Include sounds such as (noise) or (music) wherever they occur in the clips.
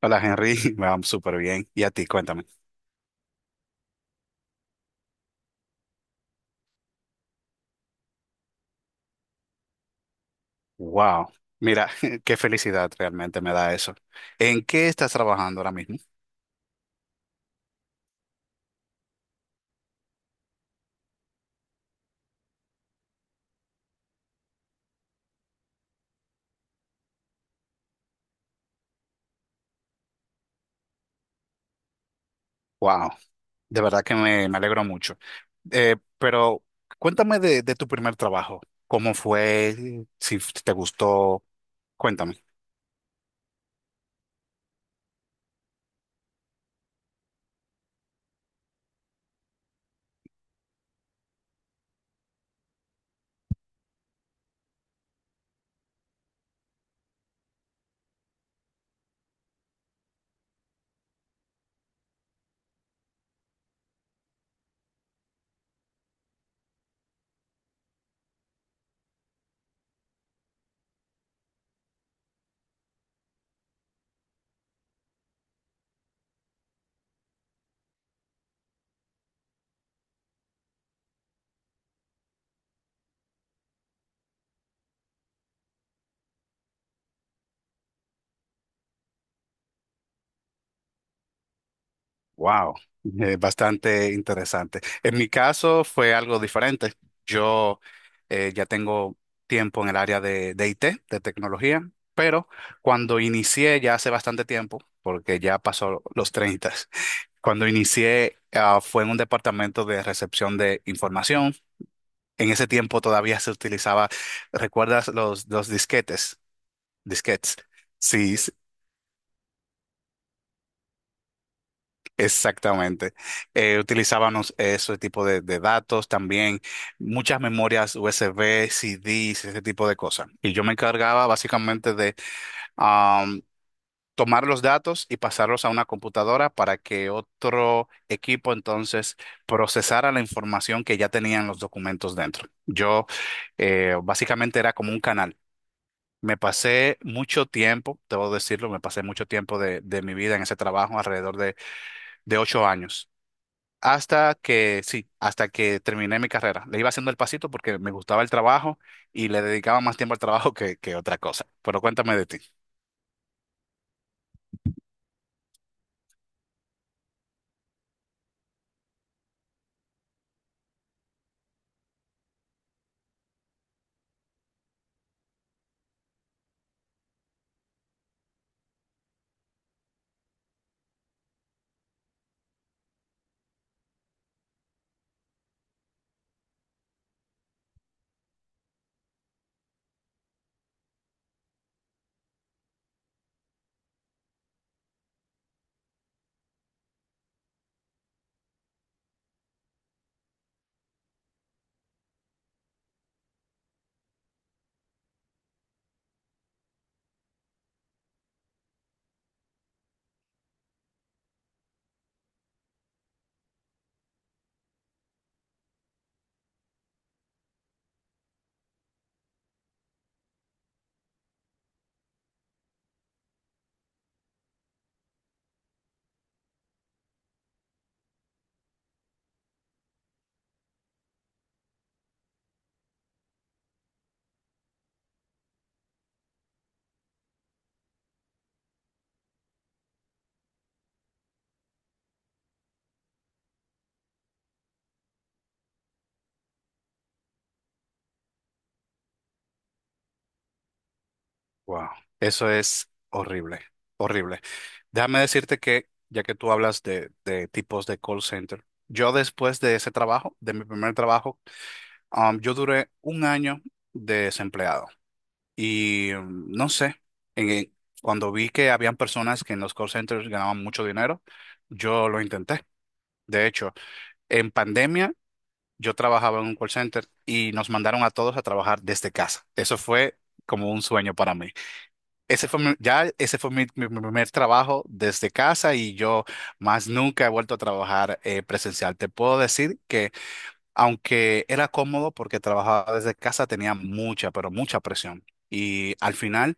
Hola Henry, (laughs) me va súper bien. ¿Y a ti? Cuéntame. Wow, mira, (laughs) qué felicidad realmente me da eso. ¿En qué estás trabajando ahora mismo? Wow, de verdad que me alegro mucho. Pero cuéntame de tu primer trabajo. ¿Cómo fue? Si te gustó, cuéntame. Wow, bastante interesante. En mi caso fue algo diferente. Yo ya tengo tiempo en el área de IT, de tecnología, pero cuando inicié ya hace bastante tiempo, porque ya pasó los 30, cuando inicié fue en un departamento de recepción de información. En ese tiempo todavía se utilizaba, ¿recuerdas los disquetes? Disquetes. Sí, exactamente. Utilizábamos ese tipo de datos también, muchas memorias USB, CDs, ese tipo de cosas. Y yo me encargaba básicamente de am, tomar los datos y pasarlos a una computadora para que otro equipo entonces procesara la información que ya tenían los documentos dentro. Yo básicamente era como un canal. Me pasé mucho tiempo, debo decirlo, me pasé mucho tiempo de mi vida en ese trabajo, alrededor de ocho años. Hasta que, sí, hasta que terminé mi carrera. Le iba haciendo el pasito porque me gustaba el trabajo y le dedicaba más tiempo al trabajo (laughs) que otra cosa. Pero cuéntame de ti. Wow, eso es horrible, horrible. Déjame decirte que, ya que tú hablas de tipos de call center, yo después de ese trabajo, de mi primer trabajo, yo duré un año desempleado. Y no sé, en- en- cuando vi que habían personas que en los call centers ganaban mucho dinero, yo lo intenté. De hecho, en pandemia, yo trabajaba en un call center y nos mandaron a todos a trabajar desde casa. Eso fue como un sueño para mí. Ya ese fue mi primer trabajo desde casa y yo más nunca he vuelto a trabajar presencial. Te puedo decir que aunque era cómodo porque trabajaba desde casa, tenía mucha, pero mucha presión. Y al final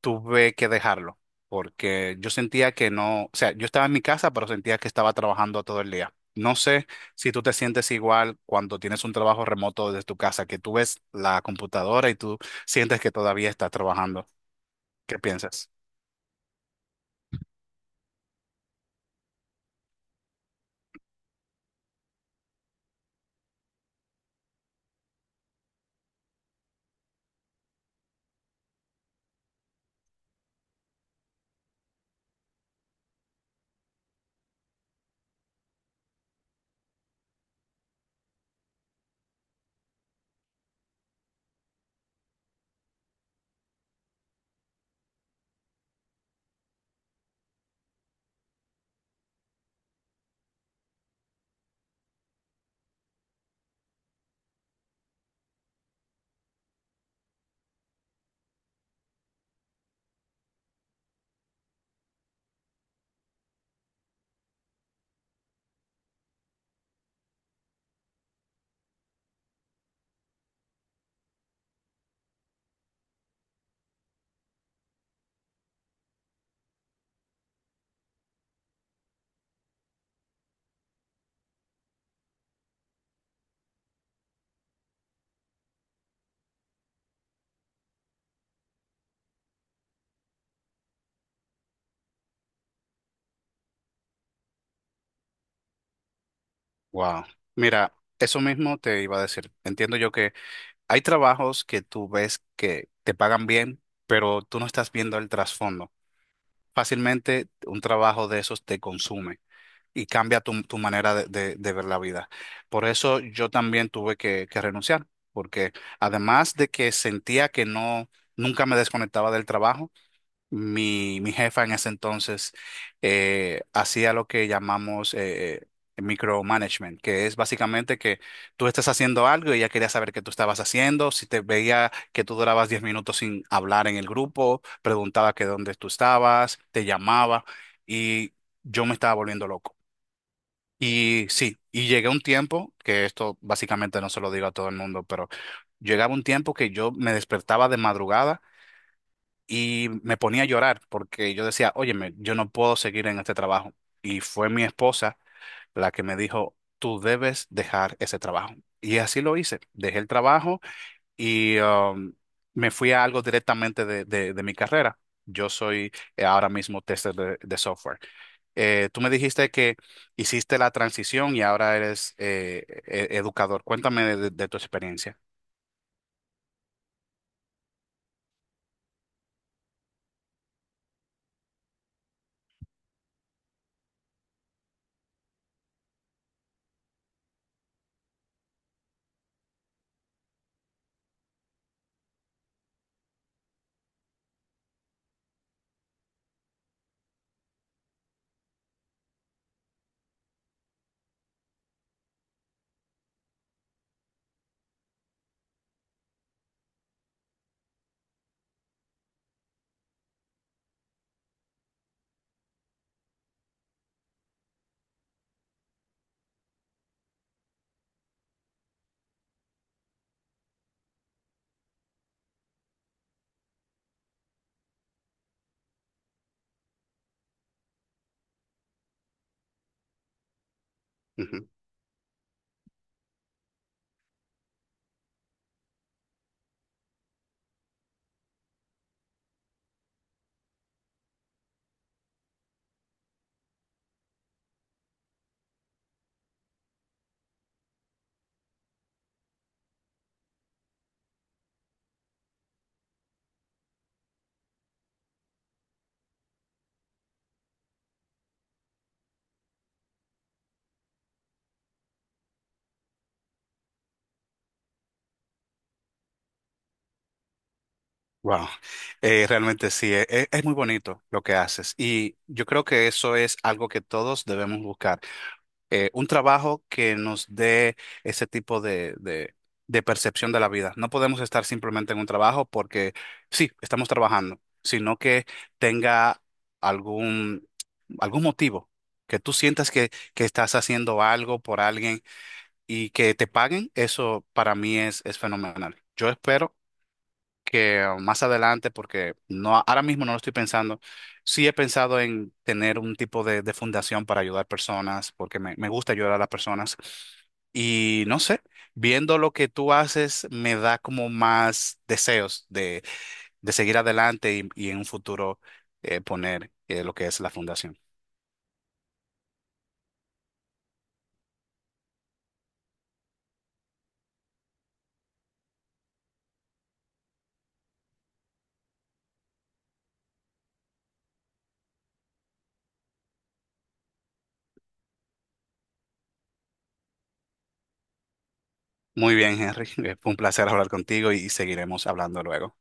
tuve que dejarlo porque yo sentía que no, o sea, yo estaba en mi casa, pero sentía que estaba trabajando todo el día. No sé si tú te sientes igual cuando tienes un trabajo remoto desde tu casa, que tú ves la computadora y tú sientes que todavía estás trabajando. ¿Qué piensas? Wow. Mira, eso mismo te iba a decir. Entiendo yo que hay trabajos que tú ves que te pagan bien, pero tú no estás viendo el trasfondo. Fácilmente un trabajo de esos te consume y cambia tu manera de ver la vida. Por eso yo también tuve que renunciar, porque además de que sentía que no, nunca me desconectaba del trabajo, mi jefa en ese entonces hacía lo que llamamos micromanagement, que es básicamente que tú estás haciendo algo y ella quería saber qué tú estabas haciendo, si te veía que tú durabas 10 minutos sin hablar en el grupo, preguntaba que dónde tú estabas, te llamaba y yo me estaba volviendo loco. Y sí, y llegué a un tiempo, que esto básicamente no se lo digo a todo el mundo, pero llegaba un tiempo que yo me despertaba de madrugada y me ponía a llorar porque yo decía, óyeme, yo no puedo seguir en este trabajo. Y fue mi esposa la que me dijo, tú debes dejar ese trabajo. Y así lo hice. Dejé el trabajo y me fui a algo directamente de, de mi carrera. Yo soy ahora mismo tester de software. Tú me dijiste que hiciste la transición y ahora eres educador. Cuéntame de tu experiencia. Ujú. Wow, realmente sí, es, muy bonito lo que haces y yo creo que eso es algo que todos debemos buscar, un trabajo que nos dé ese tipo de percepción de la vida. No podemos estar simplemente en un trabajo porque sí, estamos trabajando, sino que tenga algún, algún motivo, que tú sientas que estás haciendo algo por alguien y que te paguen, eso para mí es fenomenal. Yo espero que más adelante, porque no, ahora mismo no lo estoy pensando, sí he pensado en tener un tipo de fundación para ayudar personas, porque me gusta ayudar a las personas. Y no sé, viendo lo que tú haces, me da como más deseos de seguir adelante y en un futuro poner lo que es la fundación. Muy bien, Henry, (laughs) fue un placer hablar contigo y seguiremos hablando luego.